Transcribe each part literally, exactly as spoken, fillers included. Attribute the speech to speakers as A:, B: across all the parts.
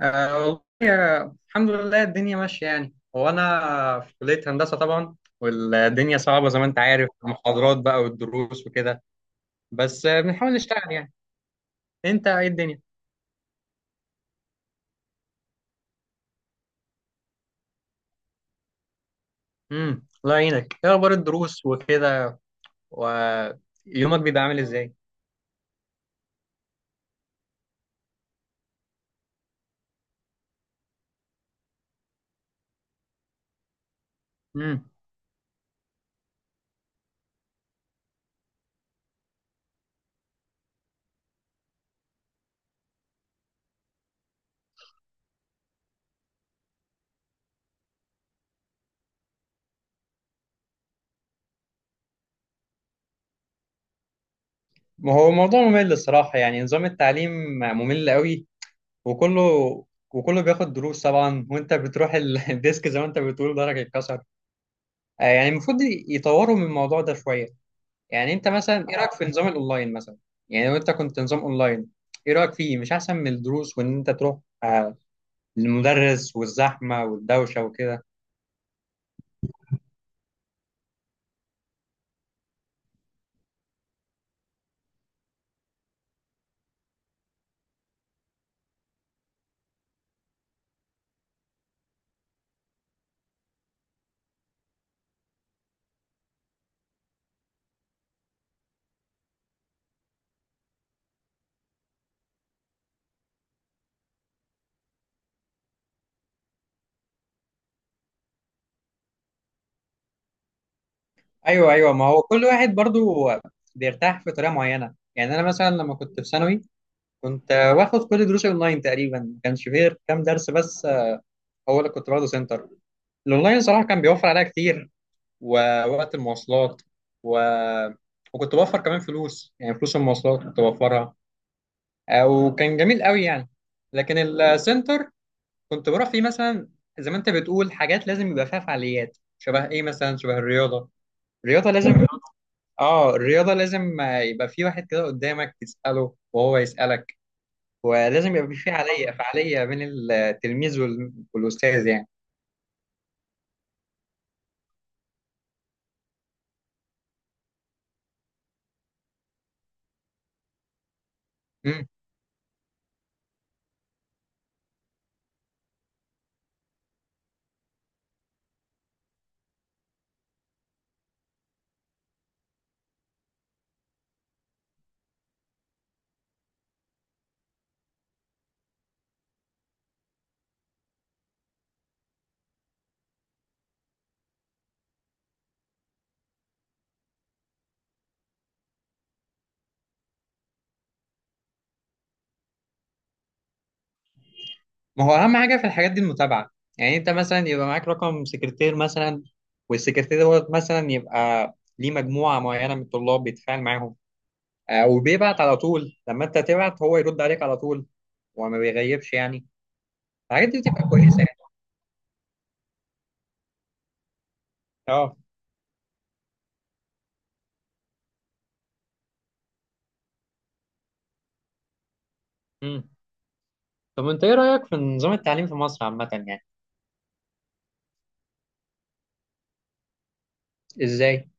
A: آه، والله آه، الحمد لله الدنيا ماشية يعني هو أنا في كلية هندسة طبعا. والدنيا صعبة زي ما أنت عارف المحاضرات بقى والدروس وكده. بس آه، بنحاول نشتغل يعني. أنت إيه الدنيا؟ امم الله يعينك، إيه أخبار الدروس وكده ويومك بيبقى عامل إزاي؟ امم. ما هو موضوع ممل الصراحة، يعني نظام التعليم ممل قوي، وكله وكله بياخد دروس طبعا، وأنت بتروح ال- الديسك زي ما أنت بتقول ضهرك اتكسر. آه، يعني المفروض يطوروا من الموضوع ده شوية. يعني انت مثلا ايه رايك في نظام الاونلاين مثلا؟ يعني لو انت كنت نظام اونلاين، ايه رايك فيه؟ مش احسن من الدروس وان انت تروح آه، للمدرس والزحمه والدوشه وكده؟ ايوه ايوه. ما هو كل واحد برضو بيرتاح في طريقه معينه. يعني انا مثلا لما كنت في ثانوي، كنت آه، باخد كل دروسي اونلاين تقريبا، ما كانش فيه غير كام درس بس آه، هو اللي كنت باخده سنتر. الاونلاين صراحه كان بيوفر عليا كتير، ووقت المواصلات و... وكنت بوفر كمان فلوس، يعني فلوس المواصلات كنت بوفرها، وكان جميل قوي يعني. لكن السنتر كنت بروح فيه مثلا، زي ما انت بتقول حاجات لازم يبقى فيها فعاليات شبه ايه، مثلا شبه الرياضه. الرياضه لازم، اه الرياضه لازم يبقى في واحد كده قدامك تساله وهو يسالك، ولازم يبقى في فعاليه فعاليه بين التلميذ وال- والاستاذ يعني. امم. ما هو اهم حاجه في الحاجات دي المتابعه. يعني انت مثلا يبقى معاك رقم سكرتير مثلا، والسكرتير دوت مثلا يبقى ليه مجموعه معينه من الطلاب بيتفاعل معاهم، آه، وبيبعت على طول، لما انت تبعت هو يرد عليك على طول وما بيغيبش يعني. الحاجات دي بتبقى كويسه يعني. اه. امم. طب انت ايه رايك في نظام التعليم في مصر عامه يعني؟ ازاي؟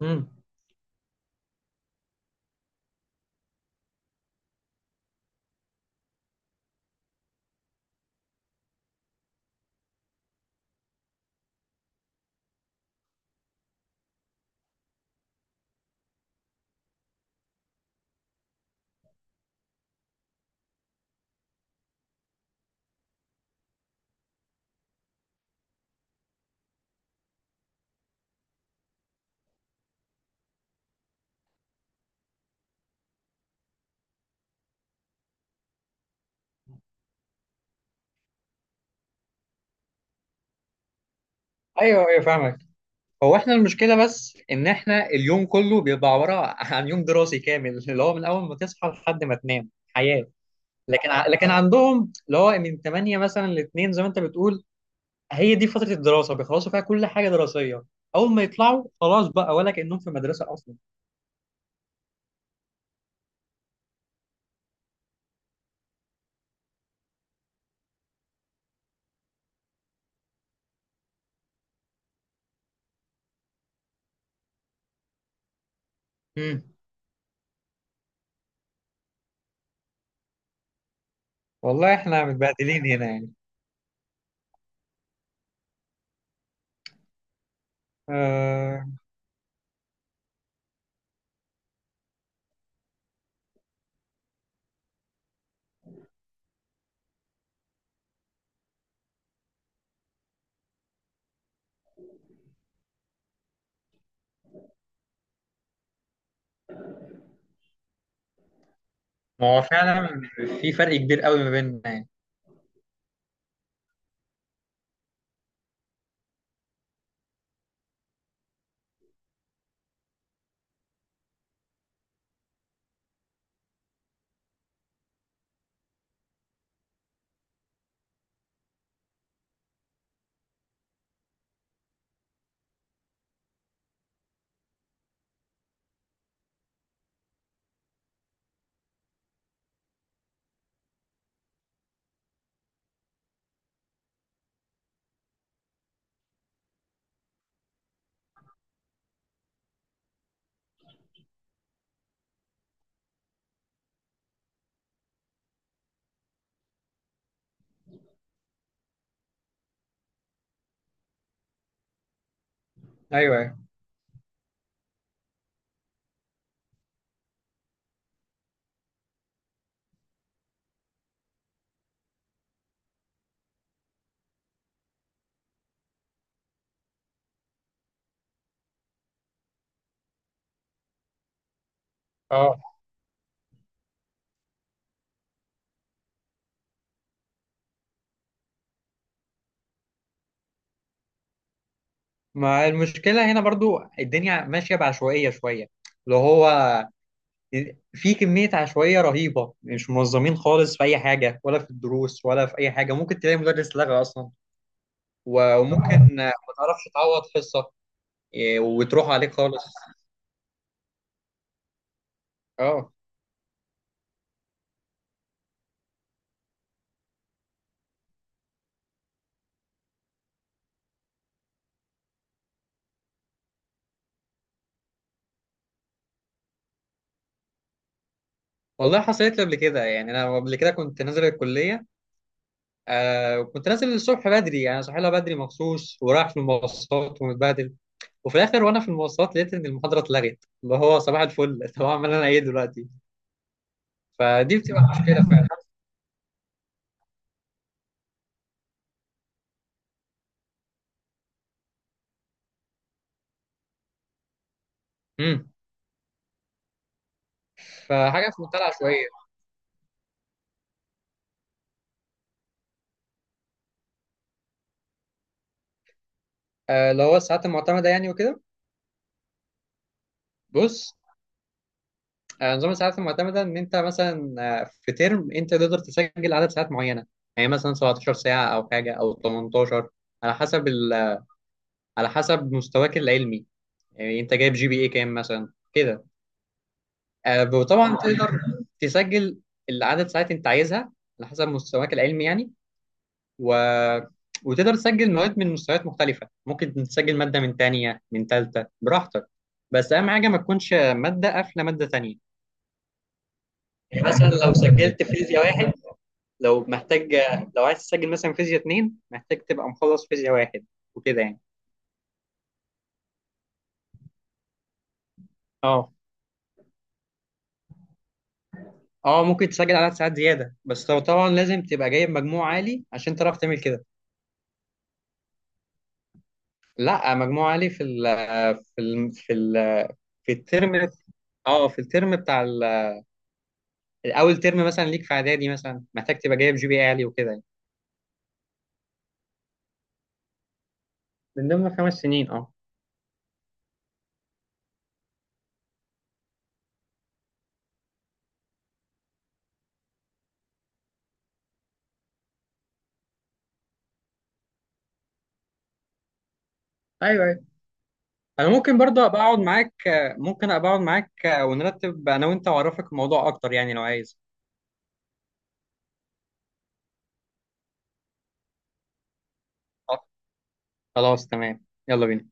A: امم. ايوه ايوه فاهمك. هو احنا المشكله بس ان احنا اليوم كله بيبقى عباره عن يوم دراسي كامل، اللي هو من اول ما تصحى لحد ما تنام حياه. لكن ع- لكن عندهم اللي هو من تمانية مثلا ل اتنين زي ما انت بتقول، هي دي فتره الدراسه بيخلصوا فيها كل حاجه دراسيه، اول ما يطلعوا خلاص بقى، ولا كانهم في مدرسه اصلا. والله احنا متبهدلين هنا يعني. آه. ما هو فعلا في فرق كبير قوي ما بيننا يعني. ايوه. اه. ما المشكله هنا برضو الدنيا ماشيه بعشوائيه شويه، اللي هو في كميه عشوائيه رهيبه، مش منظمين خالص في اي حاجه، ولا في الدروس ولا في اي حاجه. ممكن تلاقي مدرس لغى اصلا، و- وممكن ما تعرفش تعوض حصه، إيه، وتروح عليك خالص. اه والله حصلت لي قبل كده. يعني انا قبل كده كنت نازل الكليه، آه كنت نازل الصبح بدري، يعني صاحي لها بدري مخصوص ورايح في المواصلات ومتبهدل، وفي الاخر وانا في المواصلات لقيت ان المحاضره اتلغت، اللي هو صباح الفل طب اعمل انا ايه دلوقتي؟ فدي بتبقى مشكله فعلا. امم. فحاجه في منتهى العشوائيه. آه اللي هو الساعات المعتمده يعني وكده. بص، آه نظام الساعات المعتمده ان انت مثلا آه في ترم انت تقدر تسجل عدد ساعات معينه، يعني مثلا سبعة عشر ساعه او حاجه او تمنتاشر، على حسب ال- على حسب مستواك العلمي، يعني انت جايب جي بي اي كام مثلا كده. آه، وطبعا تقدر تسجل العدد ساعات انت عايزها على حسب مستواك العلمي يعني. و... وتقدر تسجل مواد من مستويات مختلفة، ممكن تسجل مادة من تانية من تالتة براحتك، بس أهم حاجة ما تكونش مادة قافلة مادة تانية. يعني مثلا لو سجلت فيزياء واحد، لو محتاج، لو عايز تسجل مثلا فيزياء اتنين، محتاج تبقى مخلص فيزياء واحد وكده يعني. اه. اه ممكن تسجل عدد ساعات زيادة، بس لو طبعا لازم تبقى جايب مجموع عالي عشان تعرف تعمل كده. لا، مجموعة لي في ال في ال في ال في الترم. اه في الترم بتاع ال- اول ترم مثلا ليك في اعدادي، مثلا محتاج تبقى جايب جي بي اي عالي وكده يعني. من ضمن خمس سنين اه. ايوه ايوه. انا ممكن برضه ابقى اقعد معاك، ممكن ابقى اقعد معاك ونرتب انا وانت واعرفك الموضوع اكتر، يعني لو عايز. خلاص تمام، يلا بينا.